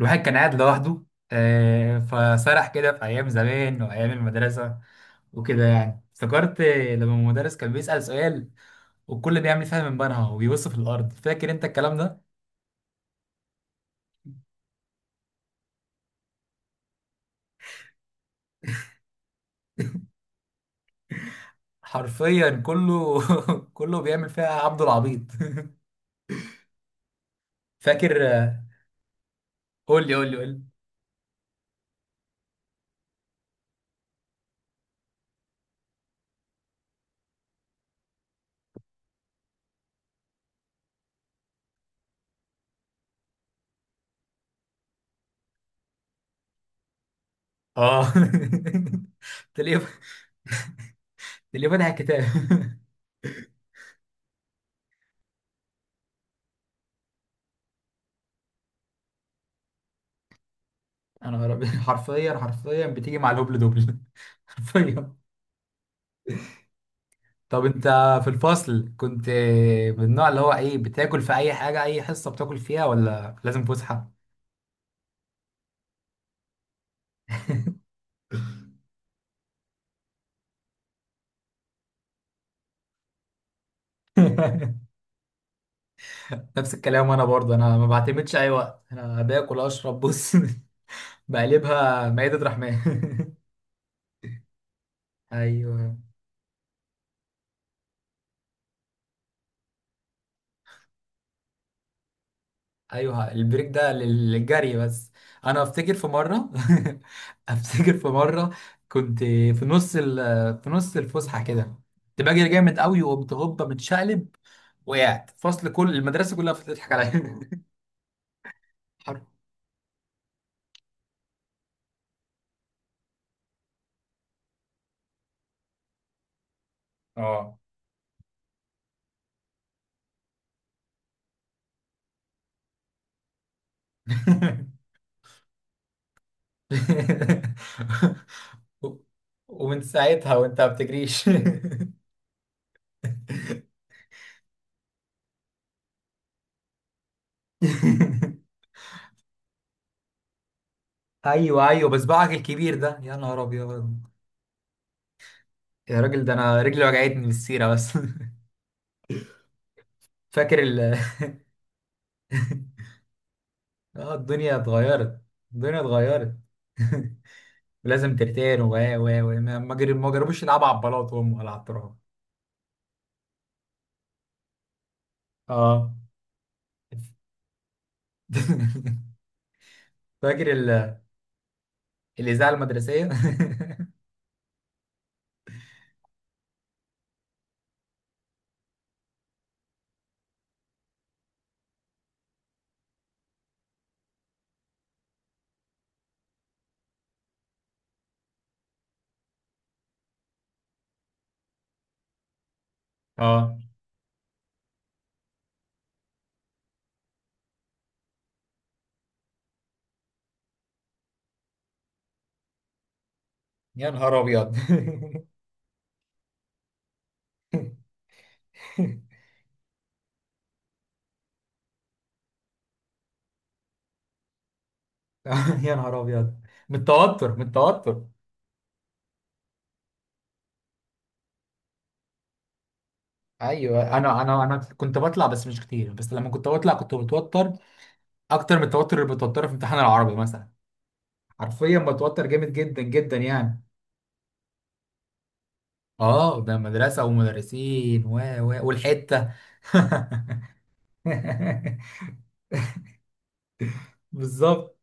الواحد كان قاعد لوحده، فسرح كده في أيام زمان وأيام المدرسة وكده يعني افتكرت لما المدرس كان بيسأل سؤال والكل بيعمل فيها من بنها وبيبص في الأرض. فاكر أنت الكلام ده؟ حرفيا كله. كله بيعمل فيها عبد العبيط. فاكر آه، قول لي قول لي قول لي. اه. تلاقيه فاتح الكتاب. انا ربي، حرفيا حرفيا بتيجي مع الهبل دبل. حرفيا. طب انت في الفصل كنت من النوع اللي هو ايه، بتاكل في اي حاجه، اي حصه بتاكل فيها ولا لازم فسحه؟ نفس الكلام، وانا برضه انا ما بعتمدش اي وقت، انا باكل اشرب بص. بقلبها مائده رحمن. ايوه ايوه، البريك ده للجري بس. انا افتكر في مره. افتكر في مره كنت في نص الفسحه كده، كنت بجري جامد قوي وقمت هوبا متشقلب، وقعت فصل كل المدرسه كلها بتضحك عليا. حر. اه. و- ومن ساعتها وانت ما بتجريش. ايوه ايوه، بصبعك الكبير ده، يا نهار ابيض. يا راجل ده انا رجلي وجعتني من السيره بس. فاكر ال. اه، الدنيا اتغيرت، الدنيا اتغيرت. لازم ترتين و ما جربوش يلعبوا على البلاط هم ولا على التراب. اه. فاكر الاذاعه المدرسيه. اه، يا نهار ابيض. يا نهار ابيض. من التوتر، من التوتر. ايوه، انا كنت بطلع بس مش كتير، بس لما كنت بطلع كنت متوتر اكتر من التوتر اللي بتوتره في امتحان العربي مثلا. حرفيا بتوتر جامد جدا جدا يعني. اه ده مدرسة ومدرسين و والحتة. بالظبط.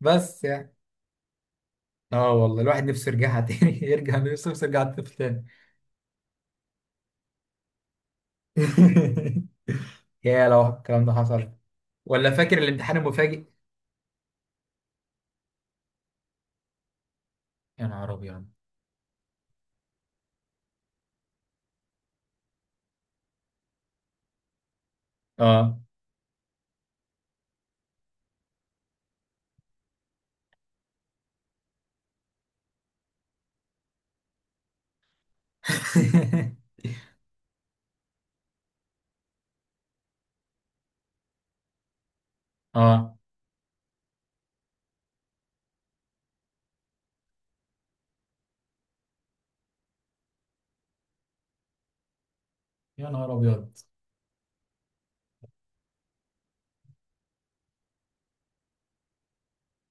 بس يعني اه والله الواحد نفسه يرجعها تاني. يرجع نفسه يرجع الطفل تاني. يا لو الكلام ده حصل. ولا فاكر الامتحان المفاجئ؟ يا نهار ابيض. اه. اه، يا نهار ابيض.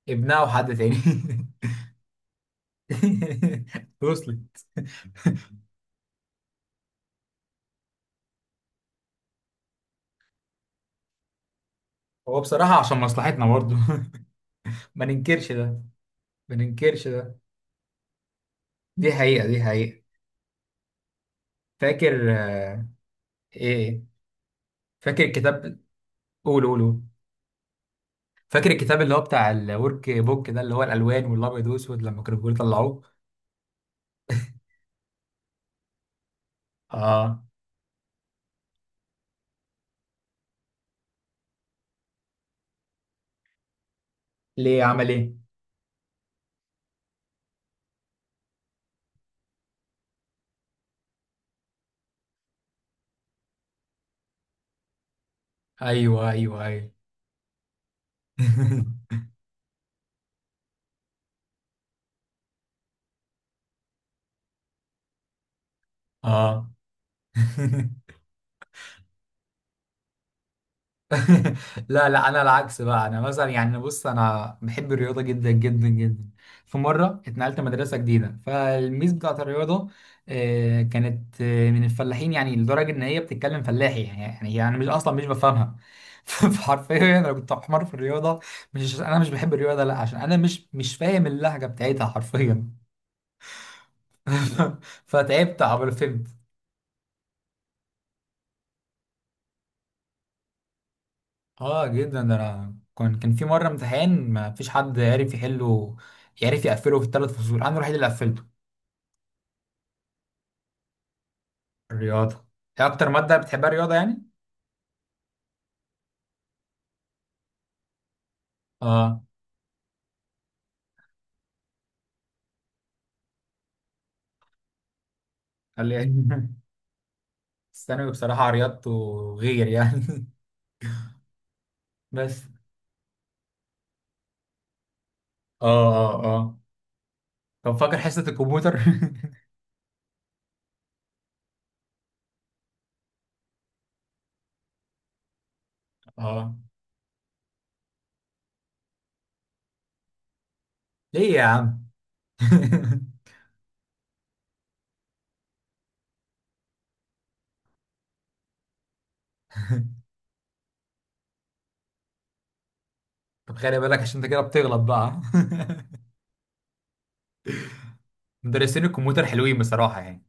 ابنها وحد تاني. وصلت. هو بصراحة عشان مصلحتنا برضه. ما ننكرش ده، ما ننكرش ده، دي حقيقة دي حقيقة. فاكر آه، ايه. فاكر الكتاب. قول قول قول. فاكر الكتاب اللي هو بتاع الورك بوك ده، اللي هو الالوان والابيض والاسود، لما كانوا بيقولوا طلعوه. اه. ليه، عمل ايه؟ ايوه ايوه ايوه. اه. لا لا، انا العكس بقى. انا مثلا يعني بص انا بحب الرياضه جدا جدا جدا. في مره اتنقلت مدرسه جديده، فالميس بتاعت الرياضه آه، كانت آه، من الفلاحين، يعني لدرجه ان هي بتتكلم فلاحي يعني، يعني مش اصلا مش بفهمها. فحرفيا انا كنت حمار في الرياضه، مش عشان انا مش بحب الرياضه، لا عشان انا مش فاهم اللهجه بتاعتها حرفيا. فتعبت عبال فهمت. اه جدا، ده انا كان في مره امتحان ما فيش حد عرف يحله، يعرف يقفله في الثلاث فصول، انا الوحيد اللي قفلته. الرياضه هي اكتر ماده بتحبها، الرياضه يعني. اه، قال لي. الثانوي بصراحه رياضته غير يعني. بس. اه اه اه. طب فاكر حصه الكمبيوتر؟ اه. ليه يا عم؟ طب خلي بالك عشان انت كده بتغلط بقى. مدرسين الكمبيوتر حلوين بصراحه يعني،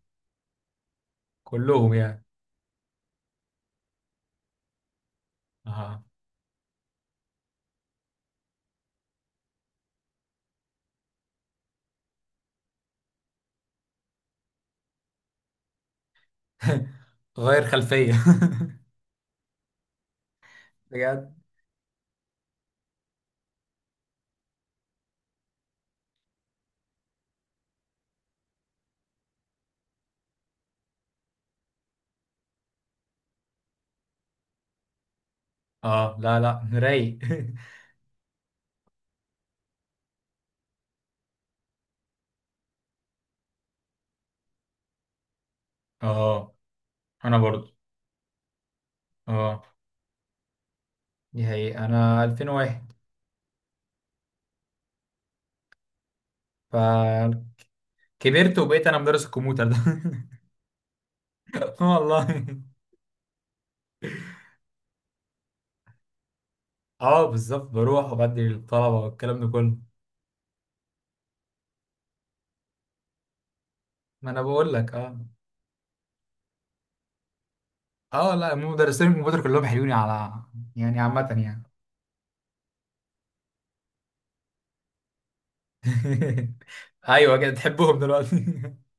كلهم يعني. اه. غير خلفيه. بجد. اه لا لا. رايق. اه. انا برضو. اه دي حقيقة، انا 2001، فكبرت وبقيت انا مدرس الكمبيوتر ده. آه والله. اه بالظبط، بروح وبدي الطلبة والكلام ده كله. ما انا بقول لك. اه اه. لا هم مدرسين الكمبيوتر كلهم حلوين على يعني عامة يعني. ايوه كده تحبهم دلوقتي.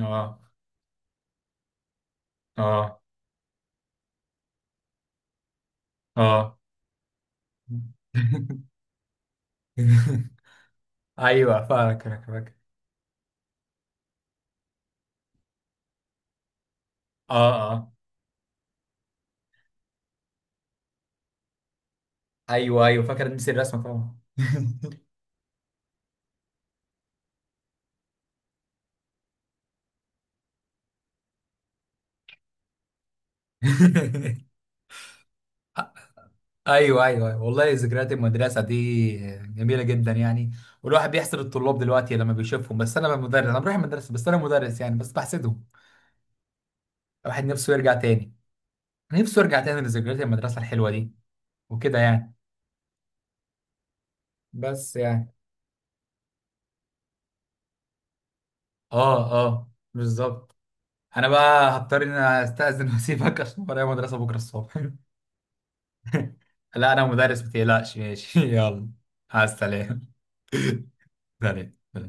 اه اه اه. ايوه فاكر فاكر. اه اه. ايوه ايوه فاكر، نسي الرسمه طبعا. ايوه ايوه أيوة. والله ذكريات المدرسه دي جميله جدا يعني. والواحد بيحسد الطلاب دلوقتي لما بيشوفهم، بس انا مدرس، انا بروح المدرسه بس انا مدرس يعني، بس بحسدهم. الواحد نفسه يرجع تاني، نفسه يرجع تاني لذكريات المدرسه الحلوه دي وكده يعني. بس يعني. اه اه بالظبط. انا بقى هضطر ان أنا استاذن. واسيبك عشان ورايا مدرسه بكره الصبح. لا انا مدرس، ما تقلقش ماشي. يلا، مع السلامه. سلام.